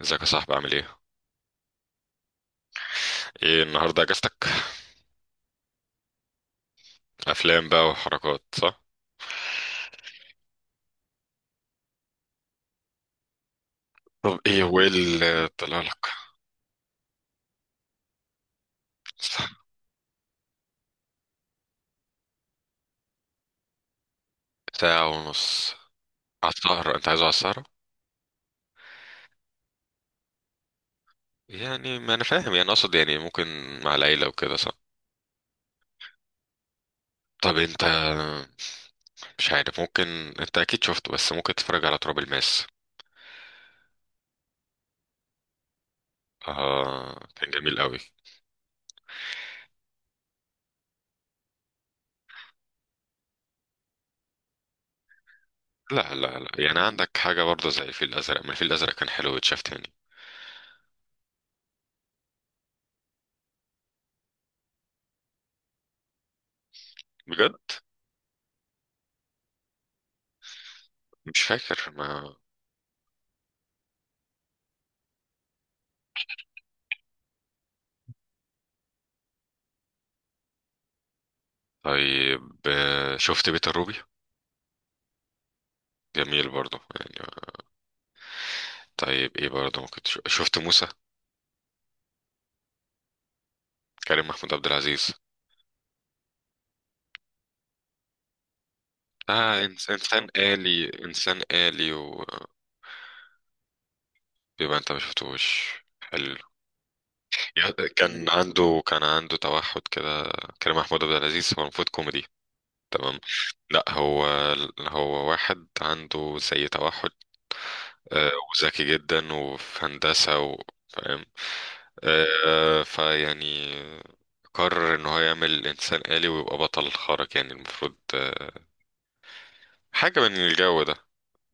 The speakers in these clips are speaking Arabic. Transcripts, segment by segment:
ازيك يا صاحبي؟ عامل ايه؟ ايه النهارده اجازتك؟ افلام بقى وحركات صح؟ طب ايه هو ايه اللي طلع لك؟ ساعة ونص على السهرة؟ انت عايزه على السهرة؟ يعني ما انا فاهم، يعني اقصد يعني ممكن مع العيلة وكده صح؟ طب انت مش عارف ممكن. انت اكيد شفته بس ممكن تتفرج على تراب الماس. اه كان جميل قوي. لا لا لا، يعني عندك حاجة برضه زي الفيل الأزرق، ما الفيل الأزرق كان حلو واتشاف تاني. بجد؟ مش فاكر ما. طيب شفت بيت الروبي؟ جميل برضو يعني. طيب ايه برضو ممكن تشوف، شفت موسى؟ كريم محمود عبد العزيز. اه انسان آلي، انسان آلي ويبقى. انت ما شفتوش. حلو. كان عنده توحد كده. كريم محمود عبد العزيز هو المفروض كوميدي. تمام. لا هو، هو واحد عنده زي توحد. آه، وذكي جدا وفي هندسة فاهم. فيعني قرر ان هو يعمل انسان آلي ويبقى بطل خارق، يعني المفروض حاجة من الجو ده.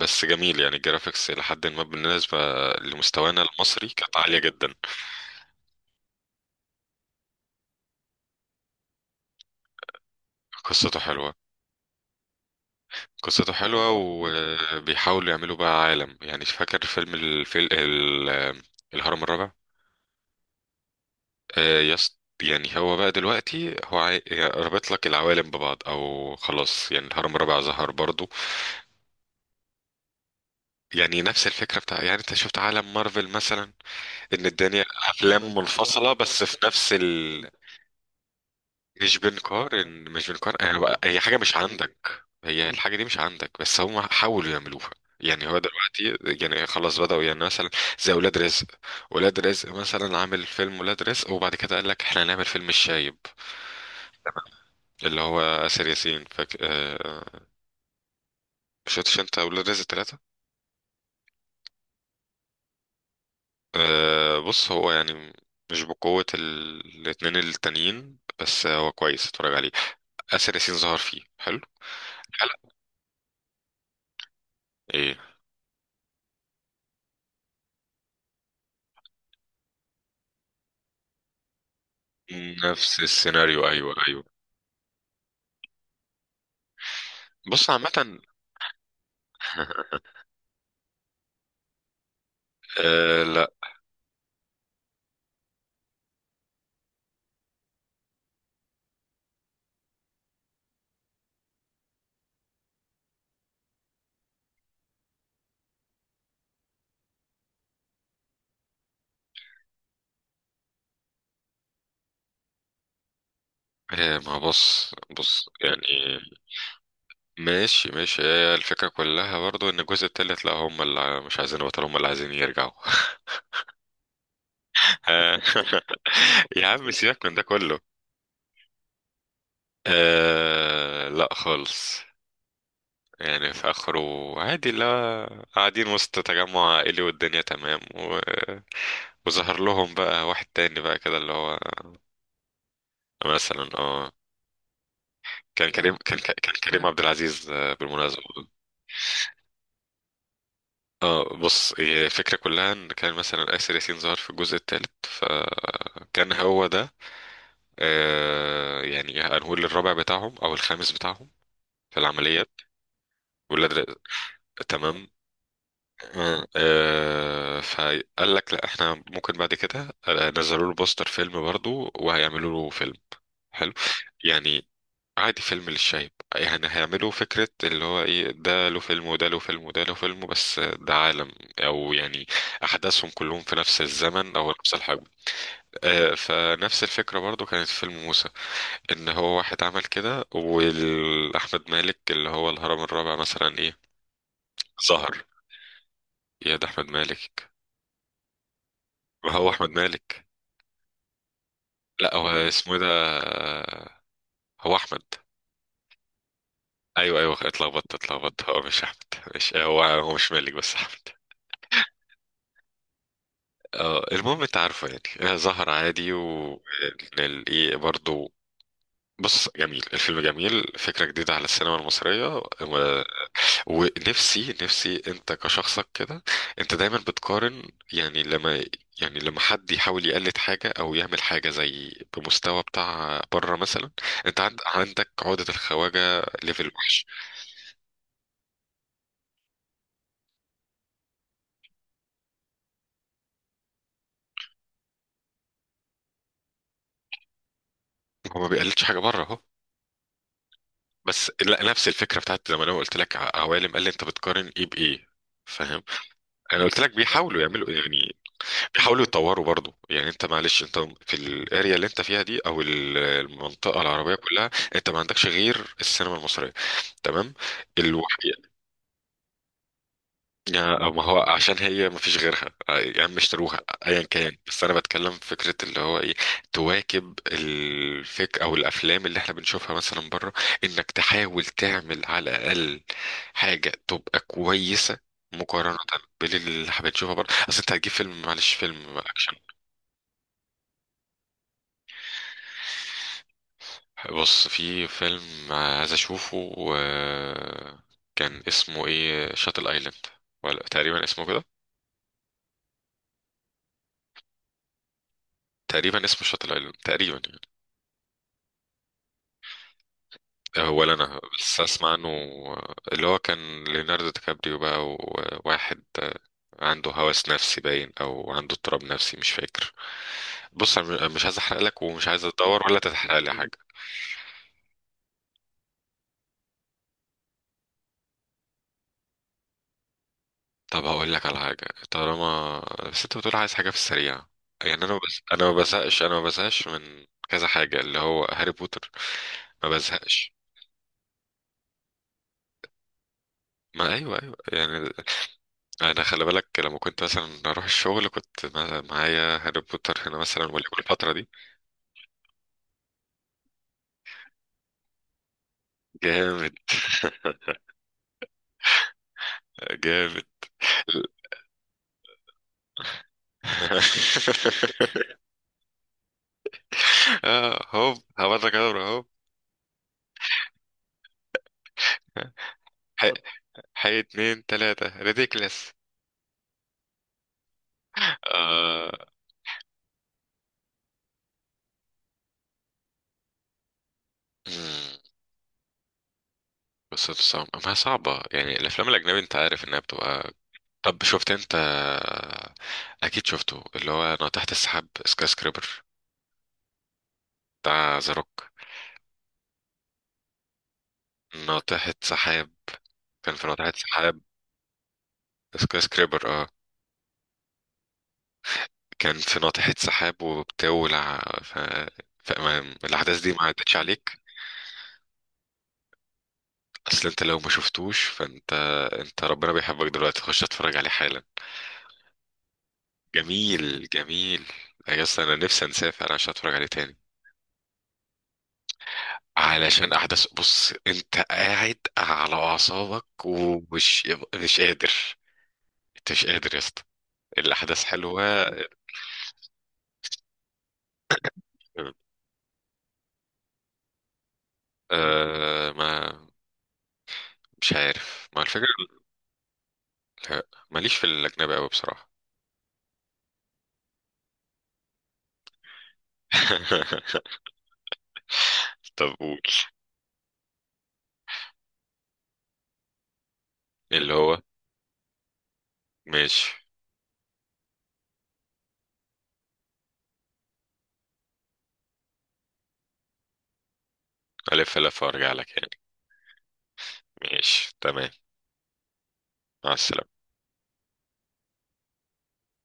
بس جميل يعني، الجرافيكس إلى حد ما بالنسبة لمستوانا المصري كانت عالية جدا. قصته حلوة. قصته حلوة، وبيحاولوا يعملوا بقى عالم. يعني فاكر فيلم الهرم الرابع؟ يس، يعني هو بقى دلوقتي هو يعني رابط لك العوالم ببعض، او خلاص يعني الهرم الرابع ظهر برضو. يعني نفس الفكرة بتاع، يعني انت شفت عالم مارفل مثلا؟ ان الدنيا افلام منفصلة بس في نفس ال... مش بنقارن أنا بقى، هي حاجة مش عندك، هي الحاجة دي مش عندك بس هم حاولوا يعملوها. يعني هو دلوقتي يعني خلاص بدأوا، يعني مثلا زي ولاد رزق. ولاد رزق مثلا عامل فيلم ولاد رزق، وبعد كده قال لك احنا هنعمل فيلم الشايب اللي هو آسر ياسين شفتش انت ولاد رزق ثلاثة؟ آه... بص هو يعني مش بقوة ال... الاتنين التانيين، بس هو كويس، اتفرج عليه. آسر ياسين ظهر فيه حلو. حلقة. ايه نفس السيناريو، ايوه ايوه. بص عامة. آه لا. ما بص بص يعني ماشي ماشي هي الفكرة كلها برضو ان الجزء التالت لا هم اللي مش عايزين البطل هم اللي عايزين يرجعوا آه يا عم سيبك من ده كله. آه لا خالص. يعني في اخره عادي، لا، قاعدين وسط تجمع عائلي والدنيا تمام و... وظهر لهم بقى واحد تاني بقى كده اللي هو. مثلا اه، كان كريم عبد العزيز بالمناسبة. اه بص، هي الفكرة كلها ان كان مثلا آسر ياسين ظهر في الجزء الثالث، فكان هو ده. آه، يعني هنقول الرابع بتاعهم او الخامس بتاعهم في العمليات. والولاد ر- تمام. فقال لك لا احنا ممكن بعد كده، نزلوا له بوستر فيلم برضو وهيعملوا له فيلم. حلو يعني، عادي، فيلم للشايب. يعني هيعملوا فكرة اللي هو ايه، ده له فيلم وده له فيلم وده له فيلم، بس ده عالم، او يعني احداثهم كلهم في نفس الزمن او نفس الحقبة. آه، فنفس الفكرة برضو كانت في فيلم موسى. ان هو واحد عمل كده، واحمد مالك اللي هو الهرم الرابع مثلا. ايه، ظهر. يا ده احمد مالك. ما هو احمد مالك. لا هو اسمه إيه ده؟ هو احمد. ايوه ايوه، اتلخبطت اتلخبطت. هو مش احمد. مش هو، هو مش مالك بس احمد. اه المهم انت عارفه. يعني ظهر عادي والايه برضه. بص جميل الفيلم، جميل، فكرة جديدة على السينما المصرية و- ونفسي، نفسي انت كشخصك كده انت دايما بتقارن. يعني لما يعني لما حد يحاول يقلد حاجة او يعمل حاجة زي بمستوى بتاع بره مثلا، انت عندك عقدة الخواجة ليفل وحش. هو ما بيقلدش حاجة بره اهو. بس لا، نفس الفكرة بتاعت زي ما انا قلت لك عوالم، قال لي انت بتقارن ايه بايه. فاهم. انا قلت لك بيحاولوا يعملوا، يعني بيحاولوا يطوروا برضو. يعني انت معلش انت في الاريا اللي انت فيها دي او المنطقه العربيه كلها، انت ما عندكش غير السينما المصريه. تمام. الوحيد. ما هو عشان هي ما فيش غيرها. يا عم اشتروها ايا كان، بس انا بتكلم في فكره اللي هو ايه، تواكب الفك او الافلام اللي احنا بنشوفها مثلا بره، انك تحاول تعمل على الاقل حاجه تبقى كويسه، مقارنه باللي احنا بنشوفها بره. اصل انت هتجيب فيلم، معلش فيلم اكشن. بص، في فيلم عايز اشوفه، كان اسمه ايه، شاتل ايلاند، ولا تقريبا اسمه كده. تقريبا اسمه شاتل ايلاند تقريبا. هو اللي انا لسه اسمع عنه. اللي هو كان ليوناردو دي كابريو بقى، وواحد عنده هوس نفسي باين او عنده اضطراب نفسي مش فاكر. بص انا مش عايز احرق لك، ومش عايز ادور ولا تتحرق لي حاجه. طب هقول لك على حاجه طالما، بس انت بتقول عايز حاجه في السريع. يعني انا بس... انا ما بزهقش، انا ما بزهقش من كذا حاجه اللي هو هاري بوتر. ما بزهقش. ما ايوه ايوه يعني. انا خلي بالك لما كنت مثلا اروح الشغل، كنت معايا هاري بوتر هنا مثلا، والفتره دي. جامد. جامد. هوب هبدا كده. هوب. حي. حي اتنين تلاتة ريديكلس. آه. مم. بس صعب، ما هي صعبة يعني الأفلام الأجنبي أنت عارف إنها بتبقى. طب شفت أنت، أكيد شفته، اللي هو ناطحة السحاب سكاي سكريبر بتاع ذا روك؟ ناطحة سحاب، كان في ناطحة سحاب سكاي سكريبر، اه. كان في ناطحة سحاب وبتاع ولع ف... فما الأحداث دي ما عدتش عليك. أصل أنت لو ما شفتوش فأنت، أنت ربنا بيحبك دلوقتي، خش اتفرج عليه حالا. جميل جميل. يا اسطى أنا نفسي أنساه فعلا عشان أتفرج عليه تاني. علشان أحداث، بص أنت قاعد على أعصابك ومش مش قادر، أنت مش قادر يا اسطى. الأحداث حلوة. آه ما مش عارف، ما الفكرة. لا، ماليش في الأجنبي أوي بصراحة. طب قول. اللي هو ماشي. ألف ألف وأرجع لك يعني. ماشي تمام. مع السلامة.